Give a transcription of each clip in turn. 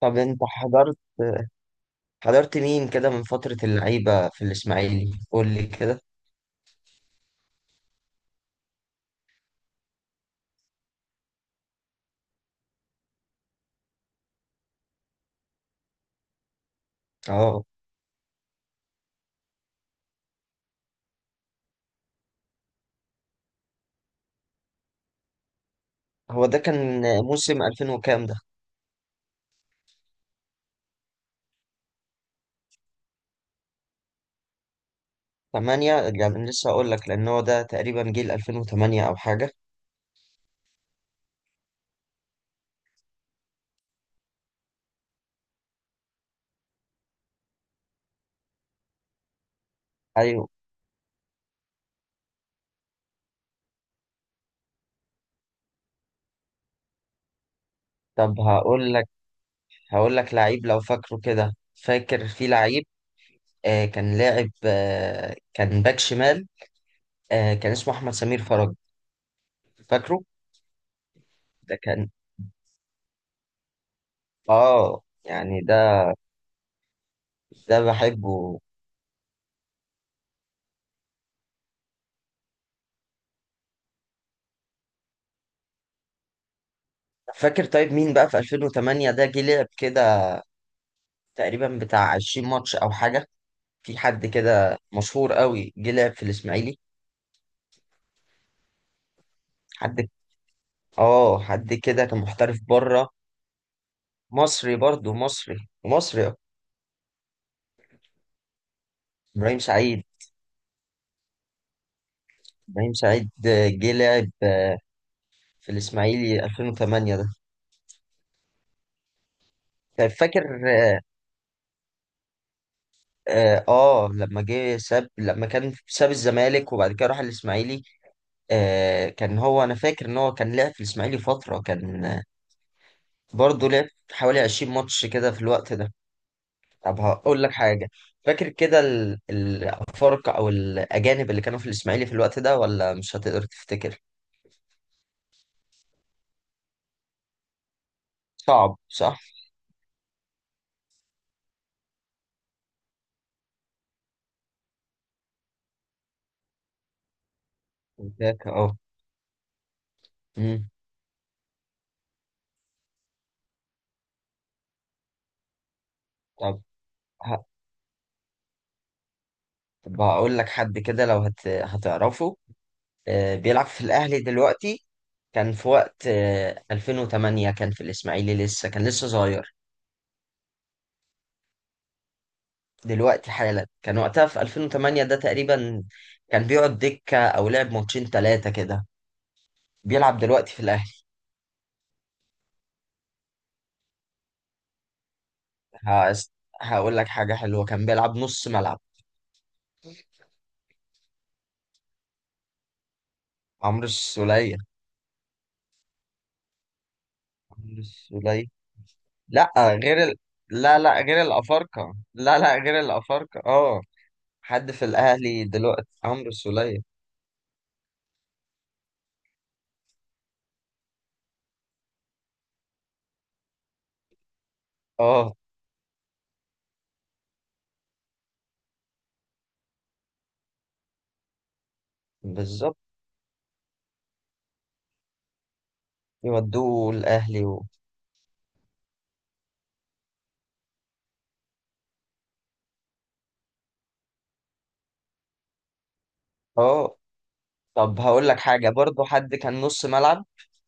طب انت حضرت مين كده من فترة اللعيبة في الإسماعيلي قول لي كده. اه، هو ده كان موسم 2000 وكام؟ ده 8 يعني. لسه هقول لك، لأن هو ده تقريبا جيل 2008 أو حاجة. أيوه. طب هقول لك لعيب لو فاكره كده. فاكر في لعيب كان لاعب، كان باك شمال، كان اسمه أحمد سمير فرج، فاكره؟ ده كان، اه يعني ده بحبه. فاكر طيب مين بقى في 2008 ده جه لعب كده تقريبا بتاع 20 ماتش او حاجه؟ في حد كده مشهور قوي جه لعب في الاسماعيلي؟ حد اه حد كده كان محترف بره. مصري، برضه مصري. ابراهيم سعيد. ابراهيم سعيد جه لعب في الاسماعيلي 2008 ده. طيب فاكر. لما جه ساب لما كان ساب الزمالك وبعد كده راح الاسماعيلي. كان هو، انا فاكر ان هو كان لعب في الاسماعيلي فتره، كان برضه لعب حوالي 20 ماتش كده في الوقت ده. طب هقول لك حاجة. فاكر كده الأفارقة أو الأجانب اللي كانوا في الإسماعيلي في الوقت ده، ولا مش هتقدر تفتكر؟ صعب، صح؟ فاكر؟ أه. أمم. طب ه- طب هقول لك حد كده لو هتعرفه. بيلعب في الأهلي دلوقتي، كان في وقت 2008 كان في الإسماعيلي، لسه صغير. دلوقتي حالا، كان وقتها في 2008 ده تقريبا كان بيقعد دكة أو لعب ماتشين تلاتة كده. بيلعب دلوقتي في الأهلي. هس- هقول لك حاجة حلوة، كان بيلعب نص ملعب. عمرو السولية. عمرو السولية. لا غير لا لا، غير الأفارقة. لا لا، غير الأفارقة، اه. حد في الأهلي دلوقتي، عمرو السولية. اه، بالظبط، يودوه الأهلي و... اه طب هقول لك حاجة برضو، حد كان نص ملعب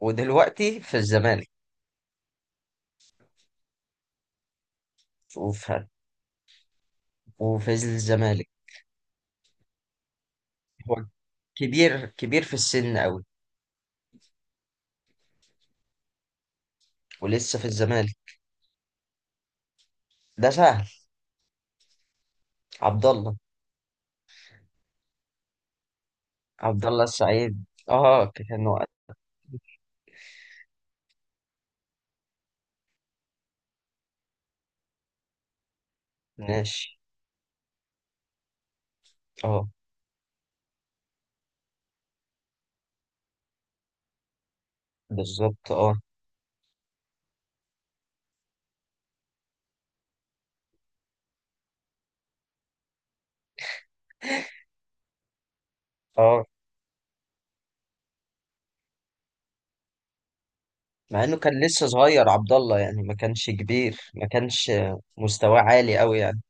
ودلوقتي في الزمالك. وفي وفي الزمالك. هو كبير كبير في السن أوي، ولسه في الزمالك. ده سهل. عبد الله عبد الله السعيد. اه كان، وقتناش. اه، بالظبط، اه اه. مع انه كان لسه صغير، عبد الله يعني، ما كانش كبير. ما كانش مستواه عالي قوي يعني.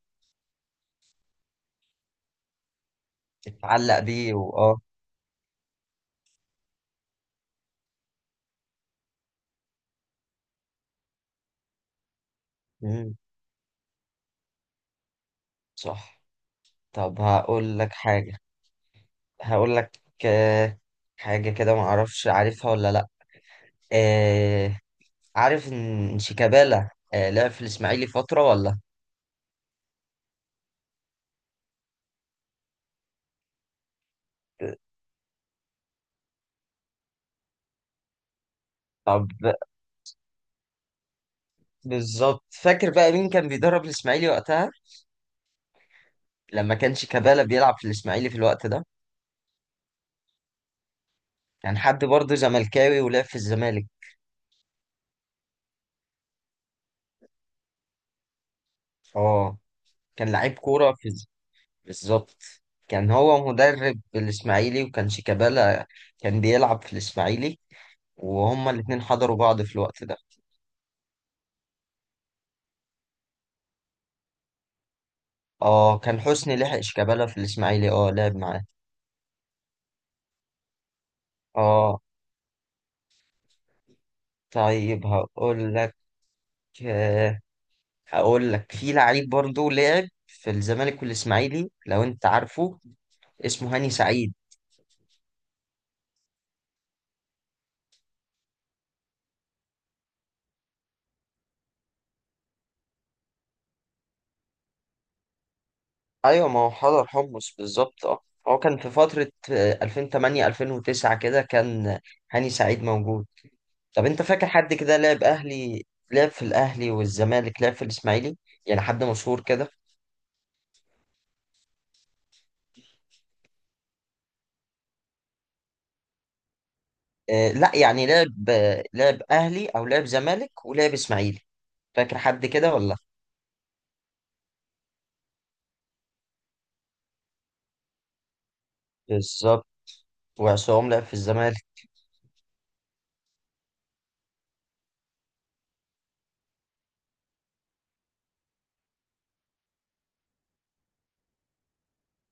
اتعلق بيه، واه. مم، صح. طب هقول لك حاجة. هقول لك آه، حاجة كده، ما اعرفش عارفها ولا لا. آه، عارف ان شيكابالا لعب في الاسماعيلي فترة ولا؟ طب بالظبط، فاكر بقى مين كان بيدرب الاسماعيلي وقتها؟ لما كان شيكابالا بيلعب في الاسماعيلي في الوقت ده. كان حد برضه زملكاوي، ولعب في الزمالك. اه، كان لعيب كوره في بالظبط. كان هو مدرب الاسماعيلي، وكان شيكابالا كان بيلعب في الاسماعيلي، وهما الاتنين حضروا بعض في الوقت ده. اه، كان حسني لحق شيكابالا في الاسماعيلي، اه لعب معاه. اه. طيب آه، هقول لك في لعيب برضه لعب في الزمالك والاسماعيلي، لو انت عارفه. اسمه هاني سعيد. ايوه، ما هو حضر حمص، بالظبط، اه. هو كان في فترة 2008 2009 كده، كان هاني سعيد موجود. طب انت فاكر حد كده لعب اهلي، لعب في الاهلي والزمالك، لعب في الاسماعيلي؟ يعني حد مشهور كده. آه لا، يعني لعب اهلي او لعب زمالك ولعب اسماعيلي. فاكر حد كده ولا؟ بالظبط. وعصام لعب في الزمالك.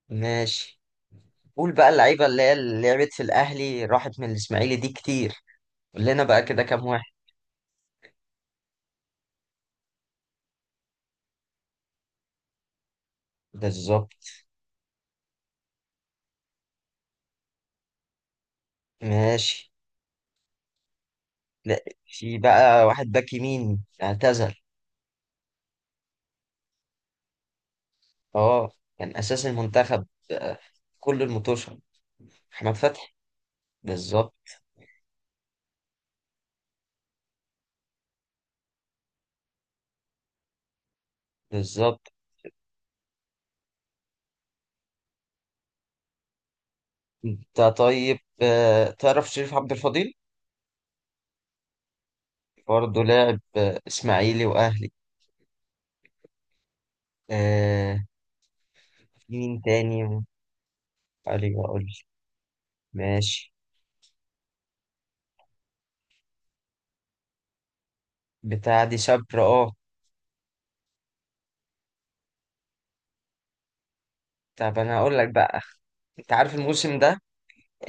ماشي. قول بقى، اللعيبة اللي هي لعبت في الاهلي راحت من الاسماعيلي دي كتير. قول لنا بقى كده كام واحد. بالظبط. ماشي. لا، في بقى واحد باك يمين اعتزل. اه كان اساس المنتخب كل المطوشة. احمد فتحي. بالظبط، بالظبط. انت طيب تعرف شريف عبد الفضيل؟ برضه لاعب اسماعيلي واهلي. آه، في مين تاني؟ علي اقول. ماشي. بتاع دي شبر، اه. طب انا هقول لك بقى. انت عارف الموسم ده،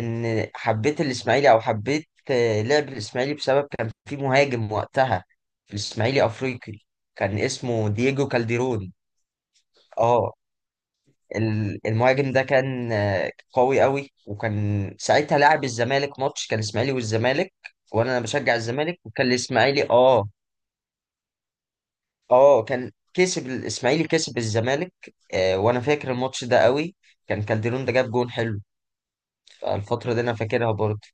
ان حبيت الاسماعيلي او حبيت لعب الاسماعيلي بسبب كان في مهاجم وقتها في الاسماعيلي افريقي، كان اسمه دييجو كالديرون. اه، المهاجم ده كان قوي قوي، وكان ساعتها لاعب الزمالك ماتش كان الاسماعيلي والزمالك، وانا بشجع الزمالك وكان الاسماعيلي اه. اه كان كسب الاسماعيلي، كسب الزمالك. آه، وانا فاكر الماتش ده قوي. كان كالديرون ده جاب جون حلو. فالفترة دي انا فاكرها برضه.